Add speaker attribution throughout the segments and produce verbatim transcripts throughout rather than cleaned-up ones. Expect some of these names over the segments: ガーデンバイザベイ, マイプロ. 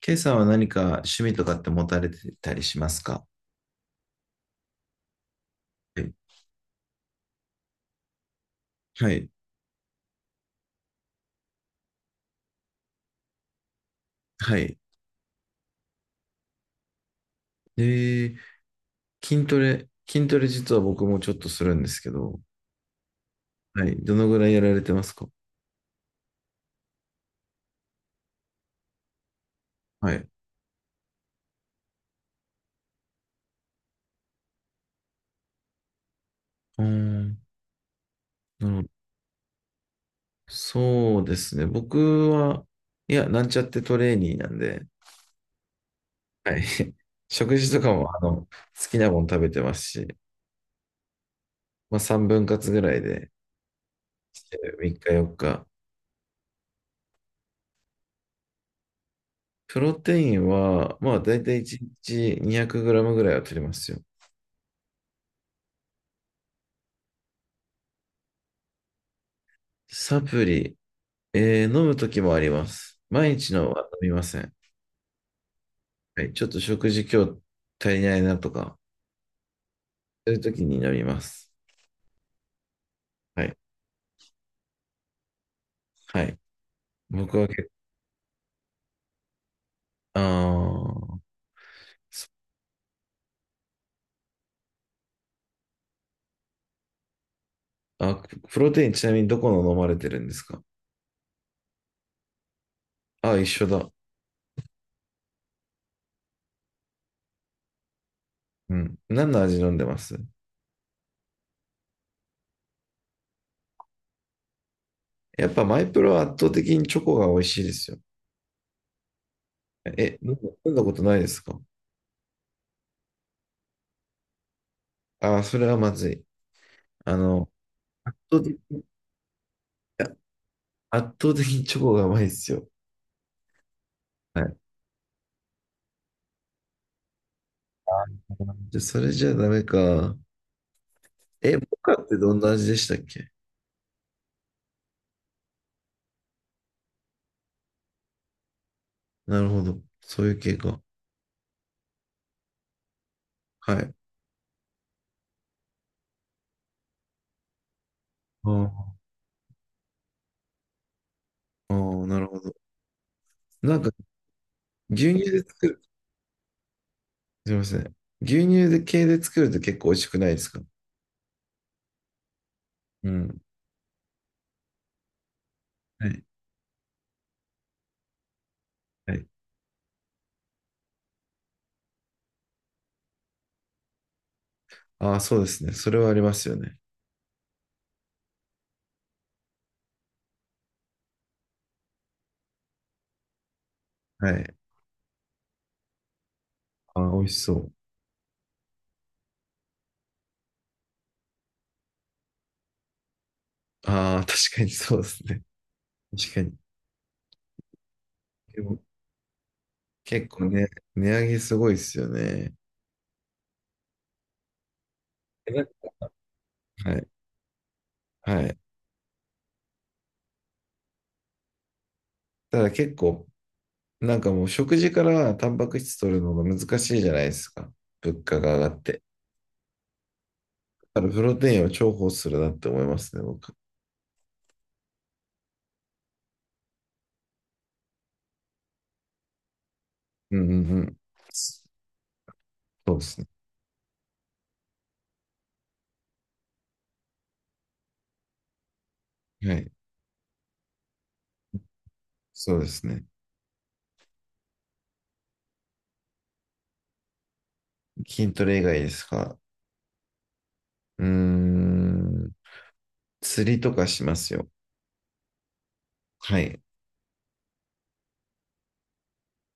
Speaker 1: ケイさんは何か趣味とかって持たれてたりしますか？はいはい。はい。で、筋トレ、筋トレ実は僕もちょっとするんですけど、はい。どのぐらいやられてますか？はい。うーん、なるほど。そうですね。僕は、いや、なんちゃってトレーニーなんで、はい。食事とかも、あの、好きなもの食べてますし、まあさんぶん割ぐらいで、みっかよっか。プロテインは、まあ大体いちにちに ゼロ ゼロムぐらいは取りますよ。サプリ、えー飲むときもあります。毎日のは飲みません。はい、ちょっと食事今日足りないなとか、そういうときに飲みます。はい。はい。僕はけ、あーそあ、プロテインちなみにどこの飲まれてるんですか？あ、一緒だ。うん。何の味飲んでますやっぱマイプロは圧倒的にチョコが美味しいですよ。え、飲んだ飲んだことないですか？あー、それはまずい。あの、圧倒的に、いや圧倒的にチョコがうまいですよ。はい、じゃあそれじゃダメか。え、モカってどんな味でしたっけ？なるほど。そういう系か。はい。ああ、ああ、なるほど。なんか、牛乳で作る。すいません。牛乳で系で作ると結構美味しくないですか？うん。はい。はい。ああ、そうですね。それはありますよね。はい。ああ、美味しそう。ああ、確かにそうですね。確かに。でも、結構ね、値上げすごいですよね。えなはい。はい。ただ結構、なんかもう食事からタンパク質取るのが難しいじゃないですか。物価が上がって。だからプロテインを重宝するなって思いますね、僕。うんうんうん。そうですね。はい。そうですね。筋トレ以外ですか？うーん。釣りとかしますよ。はい。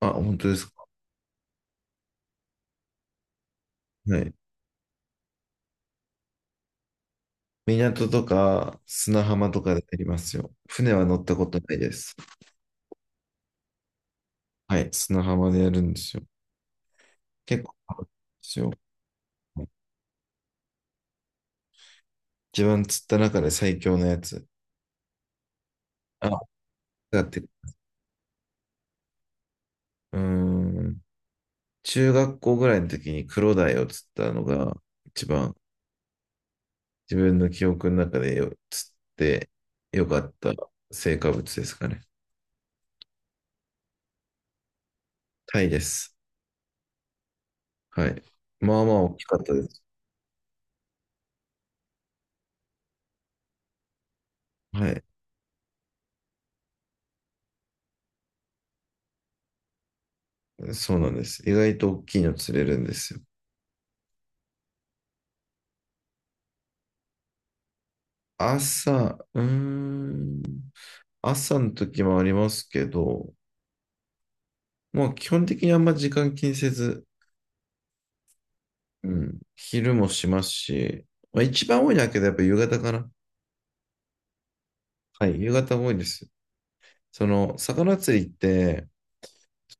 Speaker 1: あ、本当ですか。はい。港とか砂浜とかでやりますよ。船は乗ったことないです。はい。砂浜でやるんですよ。結構楽しいですよ。一番釣った中で最強のやつ。あだって、うーん、中学校ぐらいの時にクロダイを釣ったのが一番自分の記憶の中でよ釣ってよかった成果物ですかね。タイです。はい。まあまあ大きかったです。はい。そうなんです。意外と大きいの釣れるんですよ。朝、うーん、朝の時もありますけど、まあ基本的にあんま時間気にせず、うん、昼もしますし、まあ一番多いのはけどやっぱ夕方かな。はい、夕方も多いです。その、魚釣りって、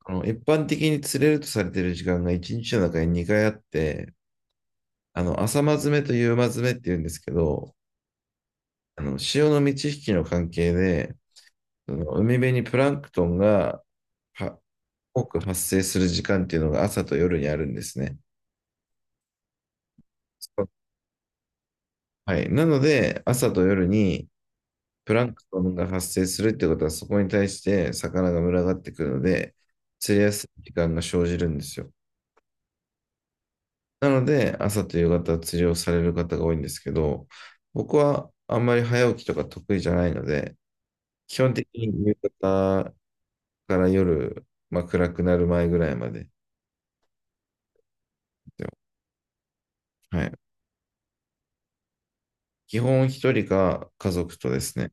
Speaker 1: あの、一般的に釣れるとされている時間がいちにちの中ににかいあって、あの、朝間詰めと夕間詰めって言うんですけど、あの、潮の満ち引きの関係で、その海辺にプランクトンがは多く発生する時間っていうのが朝と夜にあるんですね。そう、はい。なので、朝と夜にプランクトンが発生するってことは、そこに対して魚が群がってくるので、釣りやすい時間が生じるんですよ。なので、朝と夕方釣りをされる方が多いんですけど、僕はあんまり早起きとか得意じゃないので、基本的に夕方から夜、まあ、暗くなる前ぐらいまでですよ。はい。基本一人か家族とですね。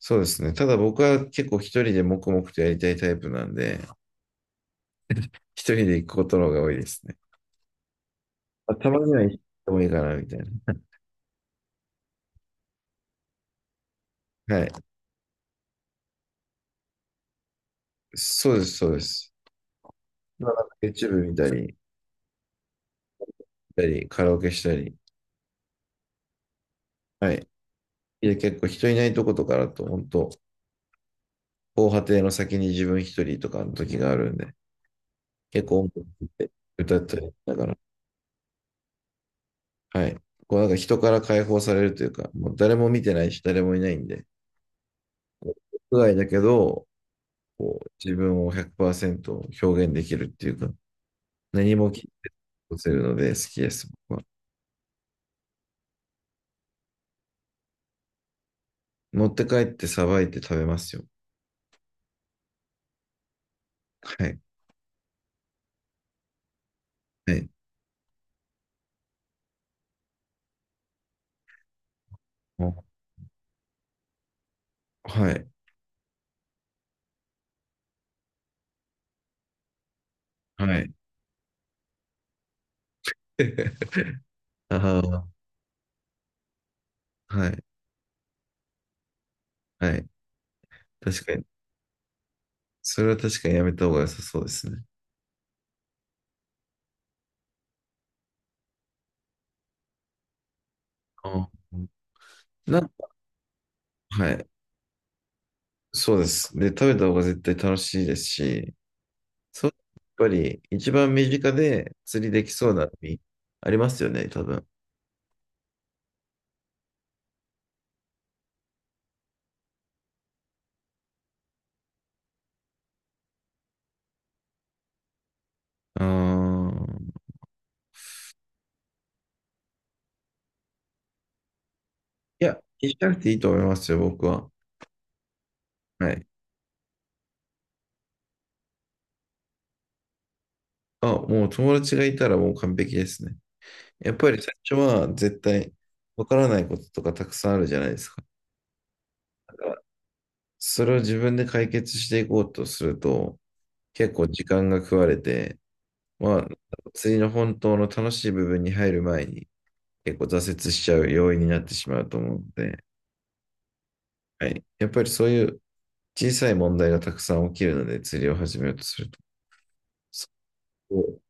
Speaker 1: そうですね。ただ僕は結構一人で黙々とやりたいタイプなんで、一人で行くことの方が多いですね。あたまには行ってもいいかな、みたいな。はい。そうです、そうです。まあ、なんか YouTube 見たり、見たり、カラオケしたり。はい。いや、結構人いないとことかだと、本当防波堤の先に自分一人とかの時があるんで、結構音楽って歌ったり、だから、はい。こうなんか人から解放されるというか、もう誰も見てないし、誰もいないんで、こう屋外だけど、こう自分をひゃくパーセント表現できるっていうか、何も聞こせるので好きです、僕は。持って帰ってさばいて食べますよ。はい。はい。もう、はい。はい。ああ、はい。はい。確かに。それは確かにやめた方が良さそうですね。あーな、はい。そうです。で、食べた方が絶対楽しいですし、そう、やっぱり一番身近で釣りできそうな海ありますよね、多分。うーん。いや、気にしなくていいと思いますよ、僕は。はい。あ、もう友達がいたらもう完璧ですね。やっぱり最初は絶対わからないこととかたくさんあるじゃないですか。だからそれを自分で解決していこうとすると、結構時間が食われて、まあ、釣りの本当の楽しい部分に入る前に結構挫折しちゃう要因になってしまうと思うので、はい。やっぱりそういう小さい問題がたくさん起きるので釣りを始めようとすると、そこを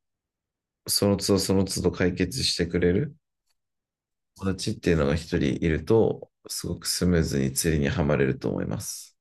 Speaker 1: その都度その都度解決してくれる友達っていうのが一人いると、すごくスムーズに釣りにはまれると思います。